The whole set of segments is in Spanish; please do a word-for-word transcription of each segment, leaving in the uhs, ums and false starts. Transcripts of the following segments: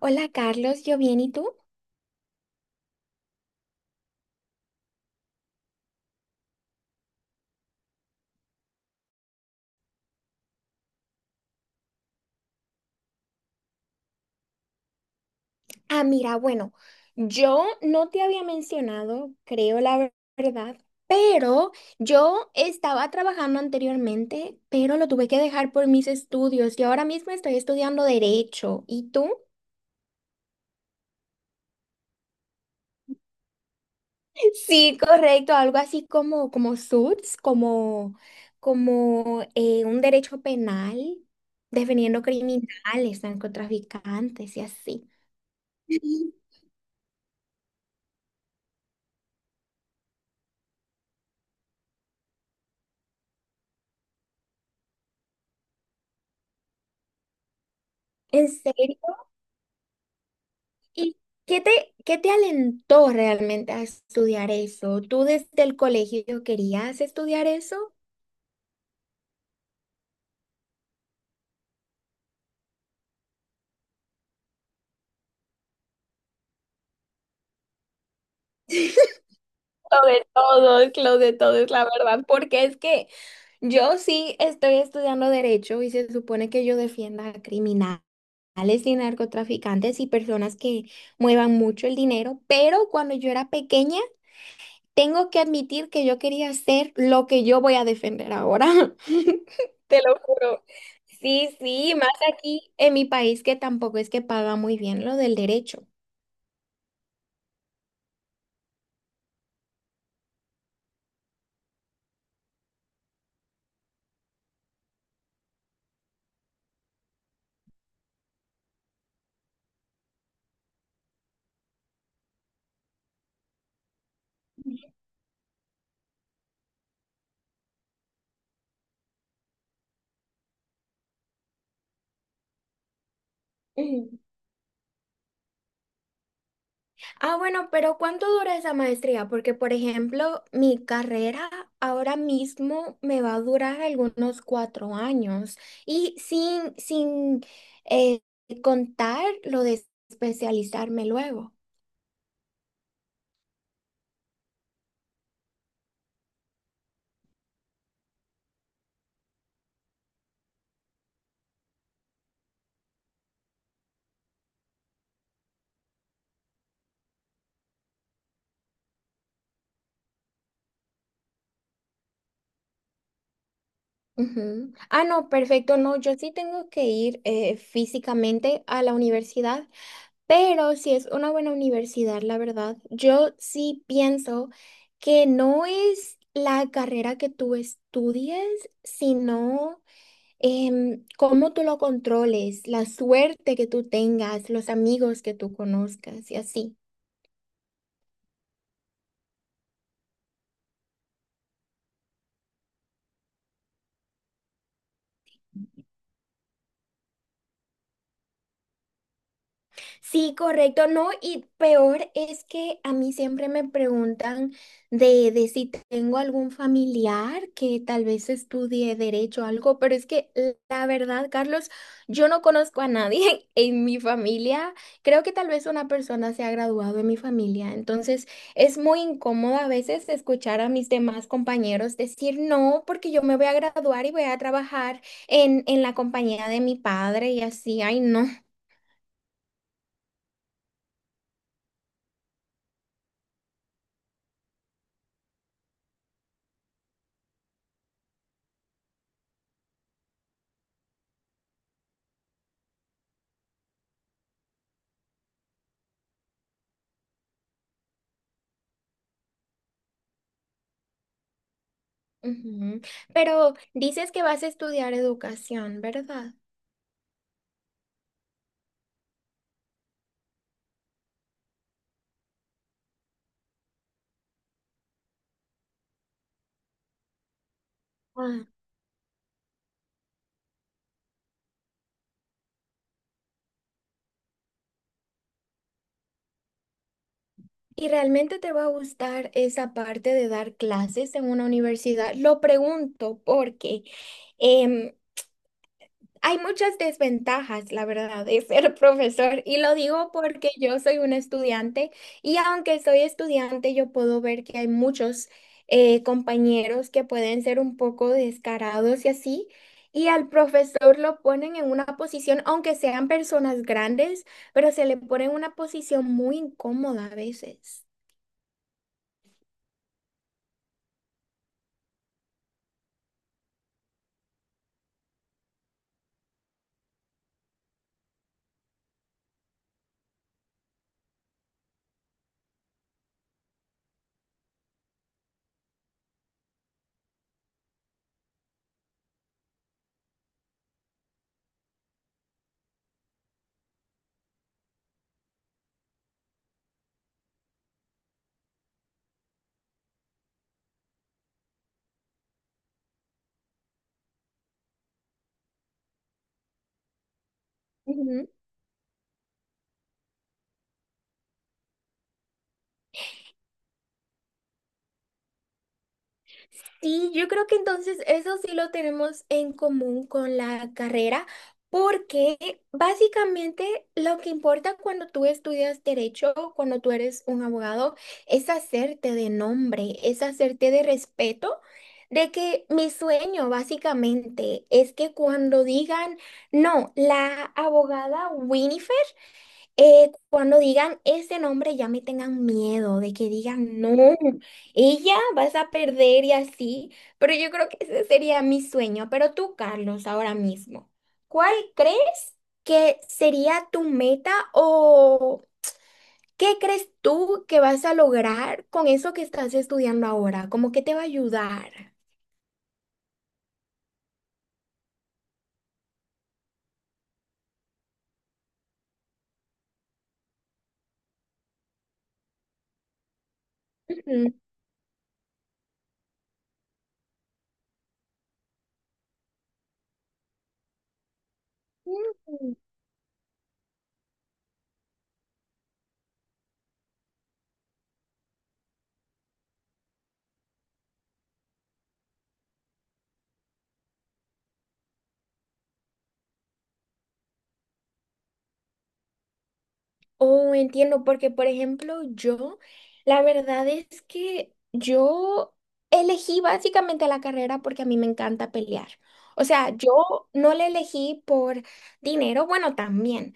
Hola Carlos, yo bien, ¿y tú? Ah, mira, bueno, yo no te había mencionado, creo la ver- verdad, pero yo estaba trabajando anteriormente, pero lo tuve que dejar por mis estudios y ahora mismo estoy estudiando derecho. ¿Y tú? Sí, correcto, algo así como, como suits, como, como eh, un derecho penal, defendiendo criminales, narcotraficantes y así. ¿En serio? ¿Y qué te, qué te alentó realmente a estudiar eso? ¿Tú desde el colegio querías estudiar eso? Lo de todos, lo de todos, la verdad, porque es que yo sí estoy estudiando derecho y se supone que yo defienda a criminales y narcotraficantes y personas que muevan mucho el dinero, pero cuando yo era pequeña, tengo que admitir que yo quería hacer lo que yo voy a defender ahora. Te lo juro. Sí, sí, más aquí en mi país que tampoco es que paga muy bien lo del derecho. Ujú. Ah, bueno, pero ¿cuánto dura esa maestría? Porque, por ejemplo, mi carrera ahora mismo me va a durar algunos cuatro años y sin, sin eh, contar lo de especializarme luego. Ujú. Ah, no, perfecto, no, yo sí tengo que ir eh, físicamente a la universidad. Pero si es una buena universidad, la verdad, yo sí pienso que no es la carrera que tú estudies, sino em, cómo tú lo controles, la suerte que tú tengas, los amigos que tú conozcas y así. Sí, correcto, no, y peor es que a mí siempre me preguntan de, de si tengo algún familiar que tal vez estudie derecho o algo, pero es que la verdad, Carlos, yo no conozco a nadie en mi familia. Creo que tal vez una persona se ha graduado en mi familia, entonces es muy incómodo a veces escuchar a mis demás compañeros decir no, porque yo me voy a graduar y voy a trabajar en, en la compañía de mi padre y así, ay, no. Ujú. Pero dices que vas a estudiar educación, ¿verdad? Ah, ¿y realmente te va a gustar esa parte de dar clases en una universidad? Lo pregunto porque em, hay muchas desventajas, la verdad, de ser profesor y lo digo porque yo soy una estudiante y aunque soy estudiante yo puedo ver que hay muchos eh, compañeros que pueden ser un poco descarados y así y al profesor lo ponen en una posición, aunque sean personas grandes, pero se le pone en una posición muy incómoda a veces. Sí, yo creo que entonces eso sí lo tenemos en común con la carrera, porque básicamente lo que importa cuando tú estudias derecho, cuando tú eres un abogado, es hacerte de nombre, es hacerte de respeto, de que mi sueño básicamente es que cuando digan, no, la abogada eh, cuando digan ese nombre ya me tengan miedo de que digan, no, ella vas a perder y así, pero yo creo que ese sería mi sueño. Pero tú, Carlos, ahora mismo, ¿cuál crees que sería tu meta o qué crees tú que vas a lograr con eso que estás estudiando ahora? ¿Cómo que te va a ayudar? Ujú. Oh, entiendo, porque por ejemplo yo, la verdad es que yo elegí básicamente la carrera porque a mí me encanta pelear. O sea, yo no la elegí por dinero, bueno, también,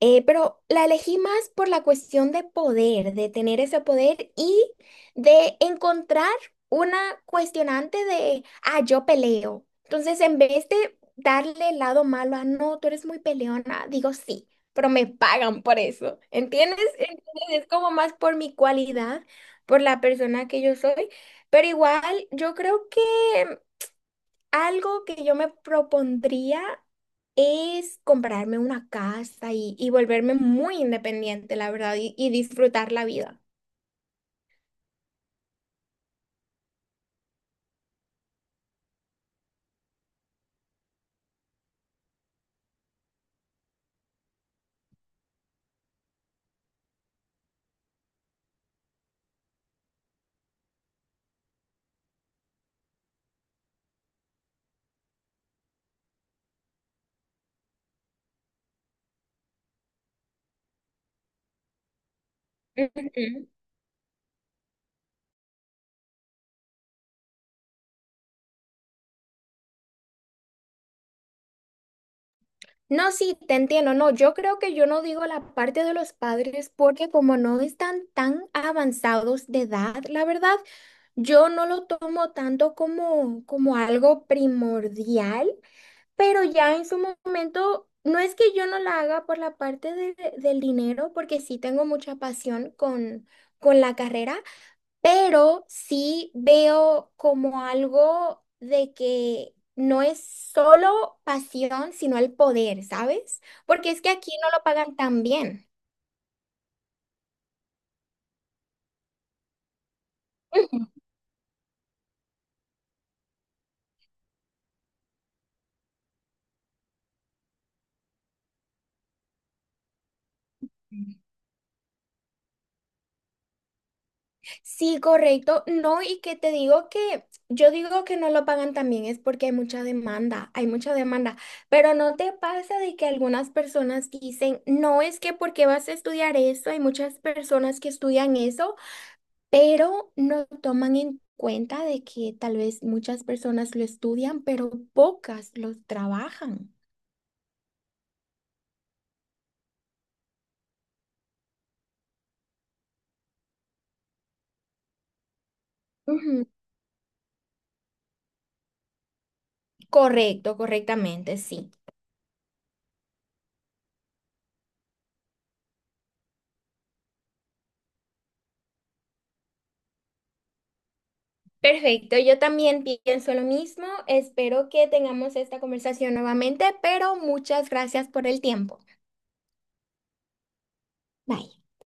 eh, pero la elegí más por la cuestión de poder, de tener ese poder y de encontrar una cuestionante de, ah, yo peleo. Entonces, en vez de darle el lado malo a, no, tú eres muy peleona, digo sí, pero me pagan por eso. ¿Entiendes? Entonces, es como más por mi cualidad, por la persona que yo soy. Pero igual, yo creo que algo que yo me propondría es comprarme una casa y, y volverme muy independiente, la verdad, y, y disfrutar la vida. Ujú. No, sí, te entiendo. No, yo creo que yo no digo la parte de los padres porque como no están tan avanzados de edad, la verdad, yo no lo tomo tanto como, como algo primordial. Pero ya en su momento, no es que yo no la haga por la parte de- de- del dinero, porque sí tengo mucha pasión con, con la carrera, pero sí veo como algo de que no es solo pasión, sino el poder, ¿sabes? Porque es que aquí no lo pagan tan bien. Ujú. Sí, correcto. No, y que te digo que yo digo que no lo pagan también es porque hay mucha demanda, hay mucha demanda, pero no te pasa de que algunas personas dicen, no es que porque vas a estudiar eso, hay muchas personas que estudian eso, pero no toman en cuenta de que tal vez muchas personas lo estudian, pero pocas lo trabajan. Ujú, correcto, correctamente, sí. Perfecto, yo también pienso lo mismo. Espero que tengamos esta conversación nuevamente, pero muchas gracias por el tiempo. Bye.